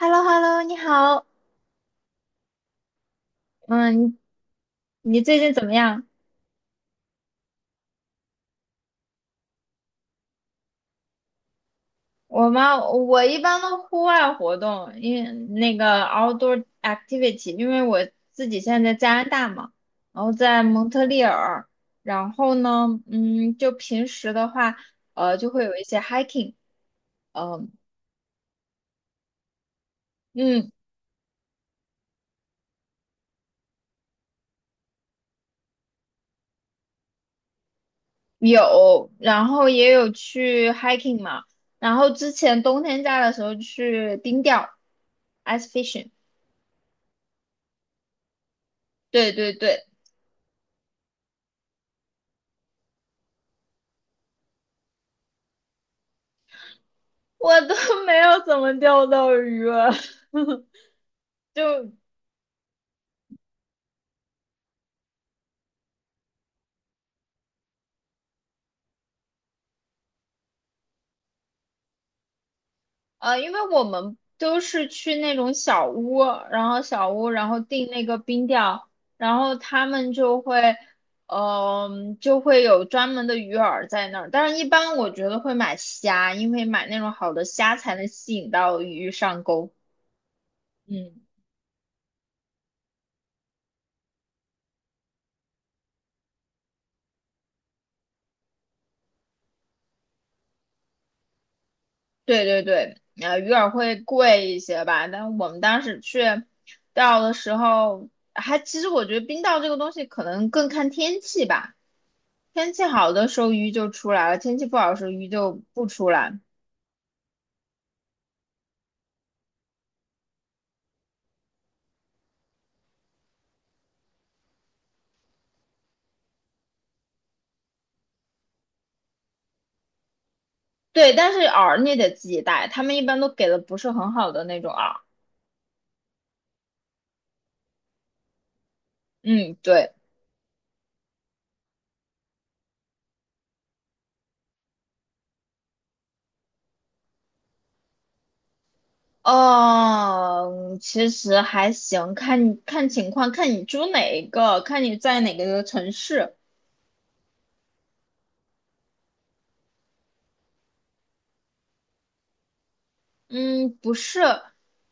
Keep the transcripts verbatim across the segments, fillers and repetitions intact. h e l l o h e l l o 你好，嗯，你最近怎么样？我吗？我一般都户外活动，因为那个 outdoor activity，因为我自己现在在加拿大嘛，然后在蒙特利尔，然后呢，嗯，就平时的话，呃，就会有一些 hiking，嗯、嗯，有，然后也有去 hiking 嘛，然后之前冬天家的时候去冰钓，ice fishing。对对对，我都 没有怎么钓到鱼了，就呃，因为我们都是去那种小屋，然后小屋，然后订那个冰钓，然后他们就会，嗯、就会有专门的鱼饵在那儿。但是，一般我觉得会买虾，因为买那种好的虾才能吸引到鱼上钩。嗯。对对对，呃，鱼饵会贵一些吧，但我们当时去钓的时候，还其实我觉得冰钓这个东西可能更看天气吧，天气好的时候鱼就出来了，天气不好的时候鱼就不出来。对，但是饵你得自己带，他们一般都给的不是很好的那种饵。嗯，对，哦，其实还行，看看情况，看你租哪一个，看你在哪个城市。嗯，不是，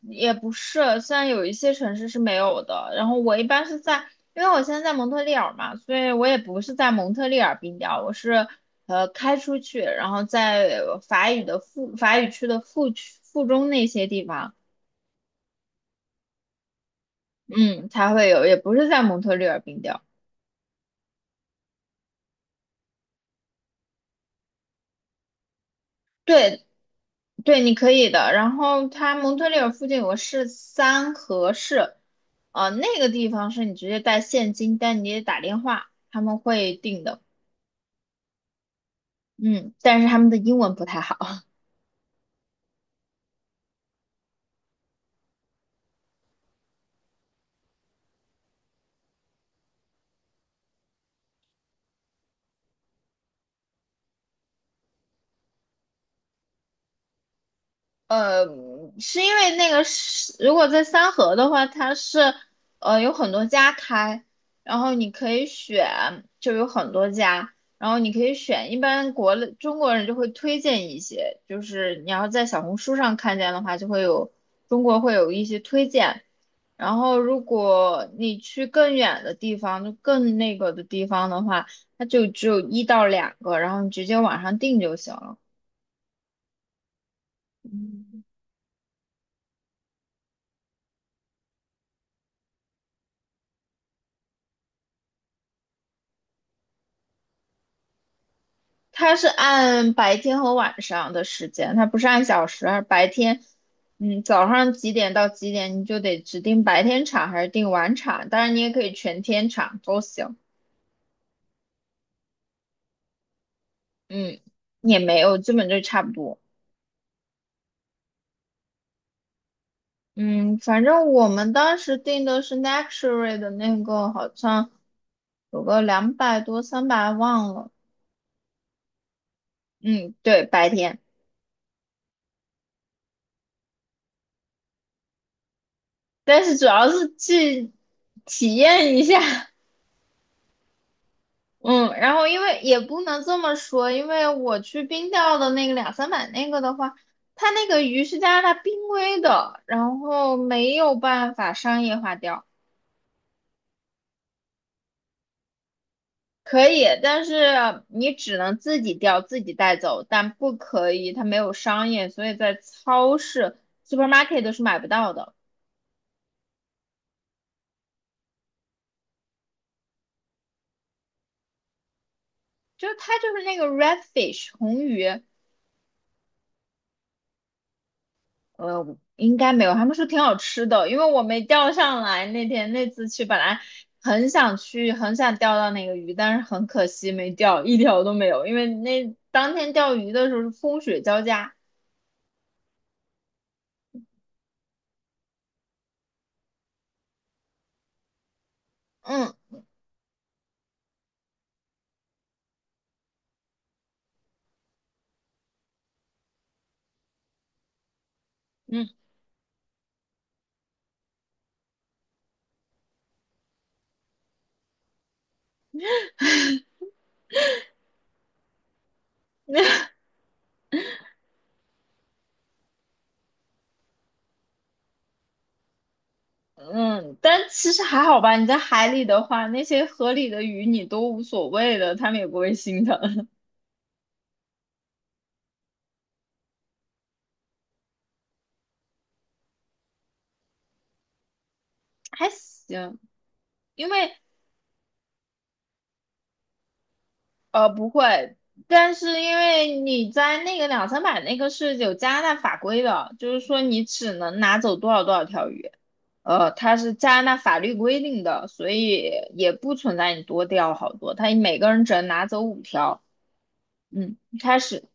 也不是，虽然有一些城市是没有的。然后我一般是在，因为我现在在蒙特利尔嘛，所以我也不是在蒙特利尔冰雕，我是呃开出去，然后在法语的附法语区的附区附中那些地方，嗯，才会有，也不是在蒙特利尔冰雕。对对，你可以的。然后他蒙特利尔附近有个市三河市，呃，那个地方是你直接带现金，但你得打电话，他们会定的。嗯，但是他们的英文不太好。呃，是因为那个是，如果在三河的话，它是呃有很多家开，然后你可以选，就有很多家，然后你可以选。一般国内中国人就会推荐一些，就是你要在小红书上看见的话，就会有中国会有一些推荐。然后如果你去更远的地方，就更那个的地方的话，它就只有一到两个，然后你直接网上订就行了。它是按白天和晚上的时间，它不是按小时。而白天，嗯，早上几点到几点，你就得指定白天场还是定晚场。当然，你也可以全天场都行。嗯，也没有，基本就差不多。嗯，反正我们当时定的是 luxury 的那个，好像有个两百多、三百，忘了。嗯，对，白天，但是主要是去体验一下。嗯，然后因为也不能这么说，因为我去冰钓的那个两三百那个的话，它那个鱼是加拿大濒危的，然后没有办法商业化钓，可以，但是你只能自己钓，自己带走，但不可以，它没有商业，所以在超市 supermarket 都是买不到的，就是它就是那个 redfish 红鱼，呃，应该没有，他们说挺好吃的，因为我没钓上来。那天那次去，本来很想去，很想钓到那个鱼，但是很可惜没钓，一条都没有。因为那当天钓鱼的时候是风雪交加，嗯嗯，嗯，但其实还好吧。你在海里的话，那些河里的鱼你都无所谓的，他们也不会心疼，还行。因为呃，不会，但是因为你在那个两三百那个是有加拿大法规的，就是说你只能拿走多少多少条鱼，呃，它是加拿大法律规定的，所以也不存在你多钓好多，他每个人只能拿走五条，嗯，开始，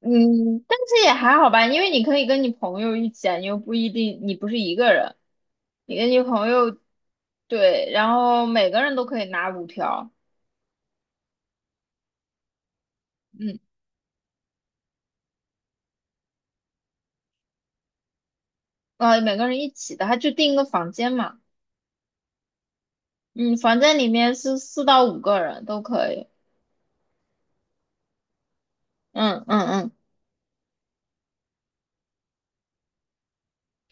嗯，但是也还好吧，因为你可以跟你朋友一起啊，你又不一定，你不是一个人，你跟你朋友，对，然后每个人都可以拿五条，嗯，呃，每个人一起的，他就订一个房间嘛。嗯，房间里面是四到五个人都可以。嗯嗯嗯，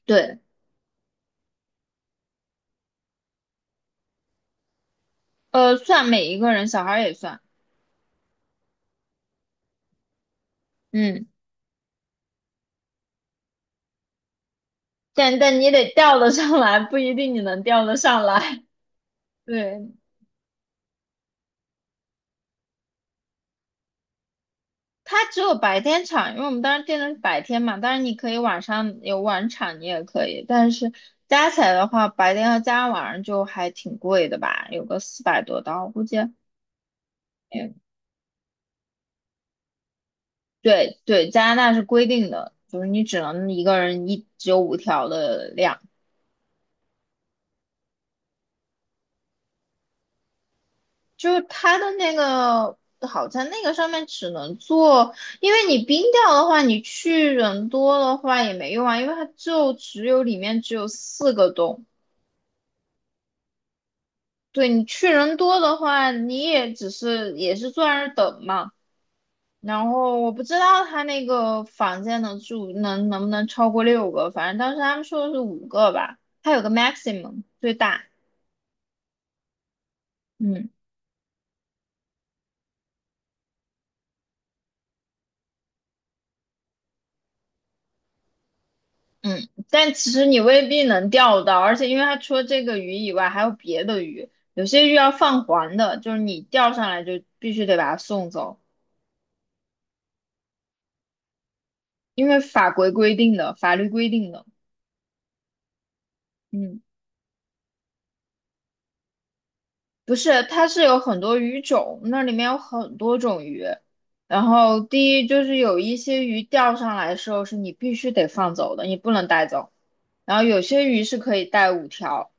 对，呃，算每一个人，小孩儿也算。嗯，但但你得调得上来，不一定你能调得上来。对，它只有白天场，因为我们当时定的是白天嘛。当然你可以晚上有晚场，你也可以。但是加起来的话，白天和加晚上就还挺贵的吧，有个四百多刀，估计。嗯，对对，加拿大是规定的，就是你只能一个人一只有五条的量。就是它的那个好在那个上面只能做，因为你冰掉的话，你去人多的话也没用啊，因为它就只有里面只有四个洞。对你去人多的话，你也只是也是坐在那儿等嘛。然后我不知道他那个房间能住能能不能超过六个，反正当时他们说的是五个吧，他有个 maximum 最大，嗯。嗯，但其实你未必能钓到，而且因为它除了这个鱼以外，还有别的鱼，有些鱼要放还的，就是你钓上来就必须得把它送走，因为法规规定的，法律规定的。嗯，不是，它是有很多鱼种，那里面有很多种鱼。然后第一就是有一些鱼钓上来的时候是你必须得放走的，你不能带走。然后有些鱼是可以带五条，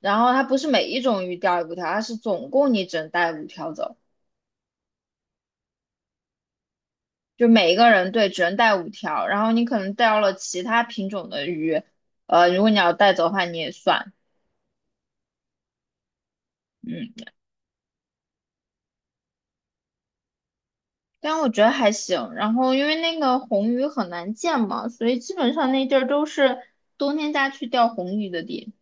然后它不是每一种鱼钓五条，它是总共你只能带五条走。就每一个人对只能带五条，然后你可能钓了其他品种的鱼，呃，如果你要带走的话，你也算，嗯，但我觉得还行。然后因为那个红鱼很难见嘛，所以基本上那地儿都是冬天家去钓红鱼的地。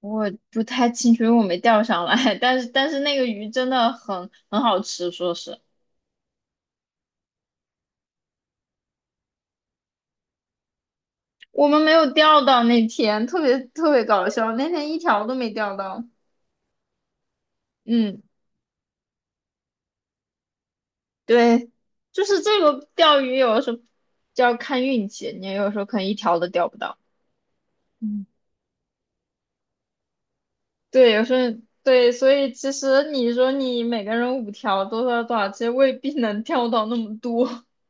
我不太清楚，因为我没钓上来，但是但是那个鱼真的很很好吃，说是我们没有钓到那天，特别特别搞笑，那天一条都没钓到，嗯。对，就是这个钓鱼有的时候就要看运气，你有时候可能一条都钓不到。嗯，对，有时候对，所以其实你说你每个人五条多少多少，其实未必能钓到那么多。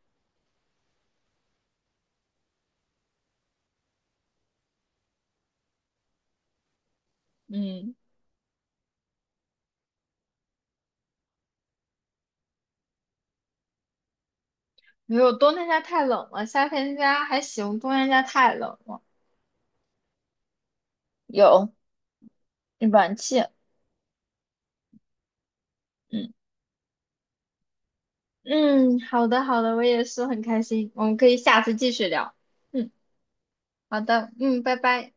嗯，没有，冬天家太冷了，夏天家还行，冬天家太冷了。有暖气，嗯嗯，好的好的，我也是很开心，我们可以下次继续聊。嗯，好的，嗯，拜拜。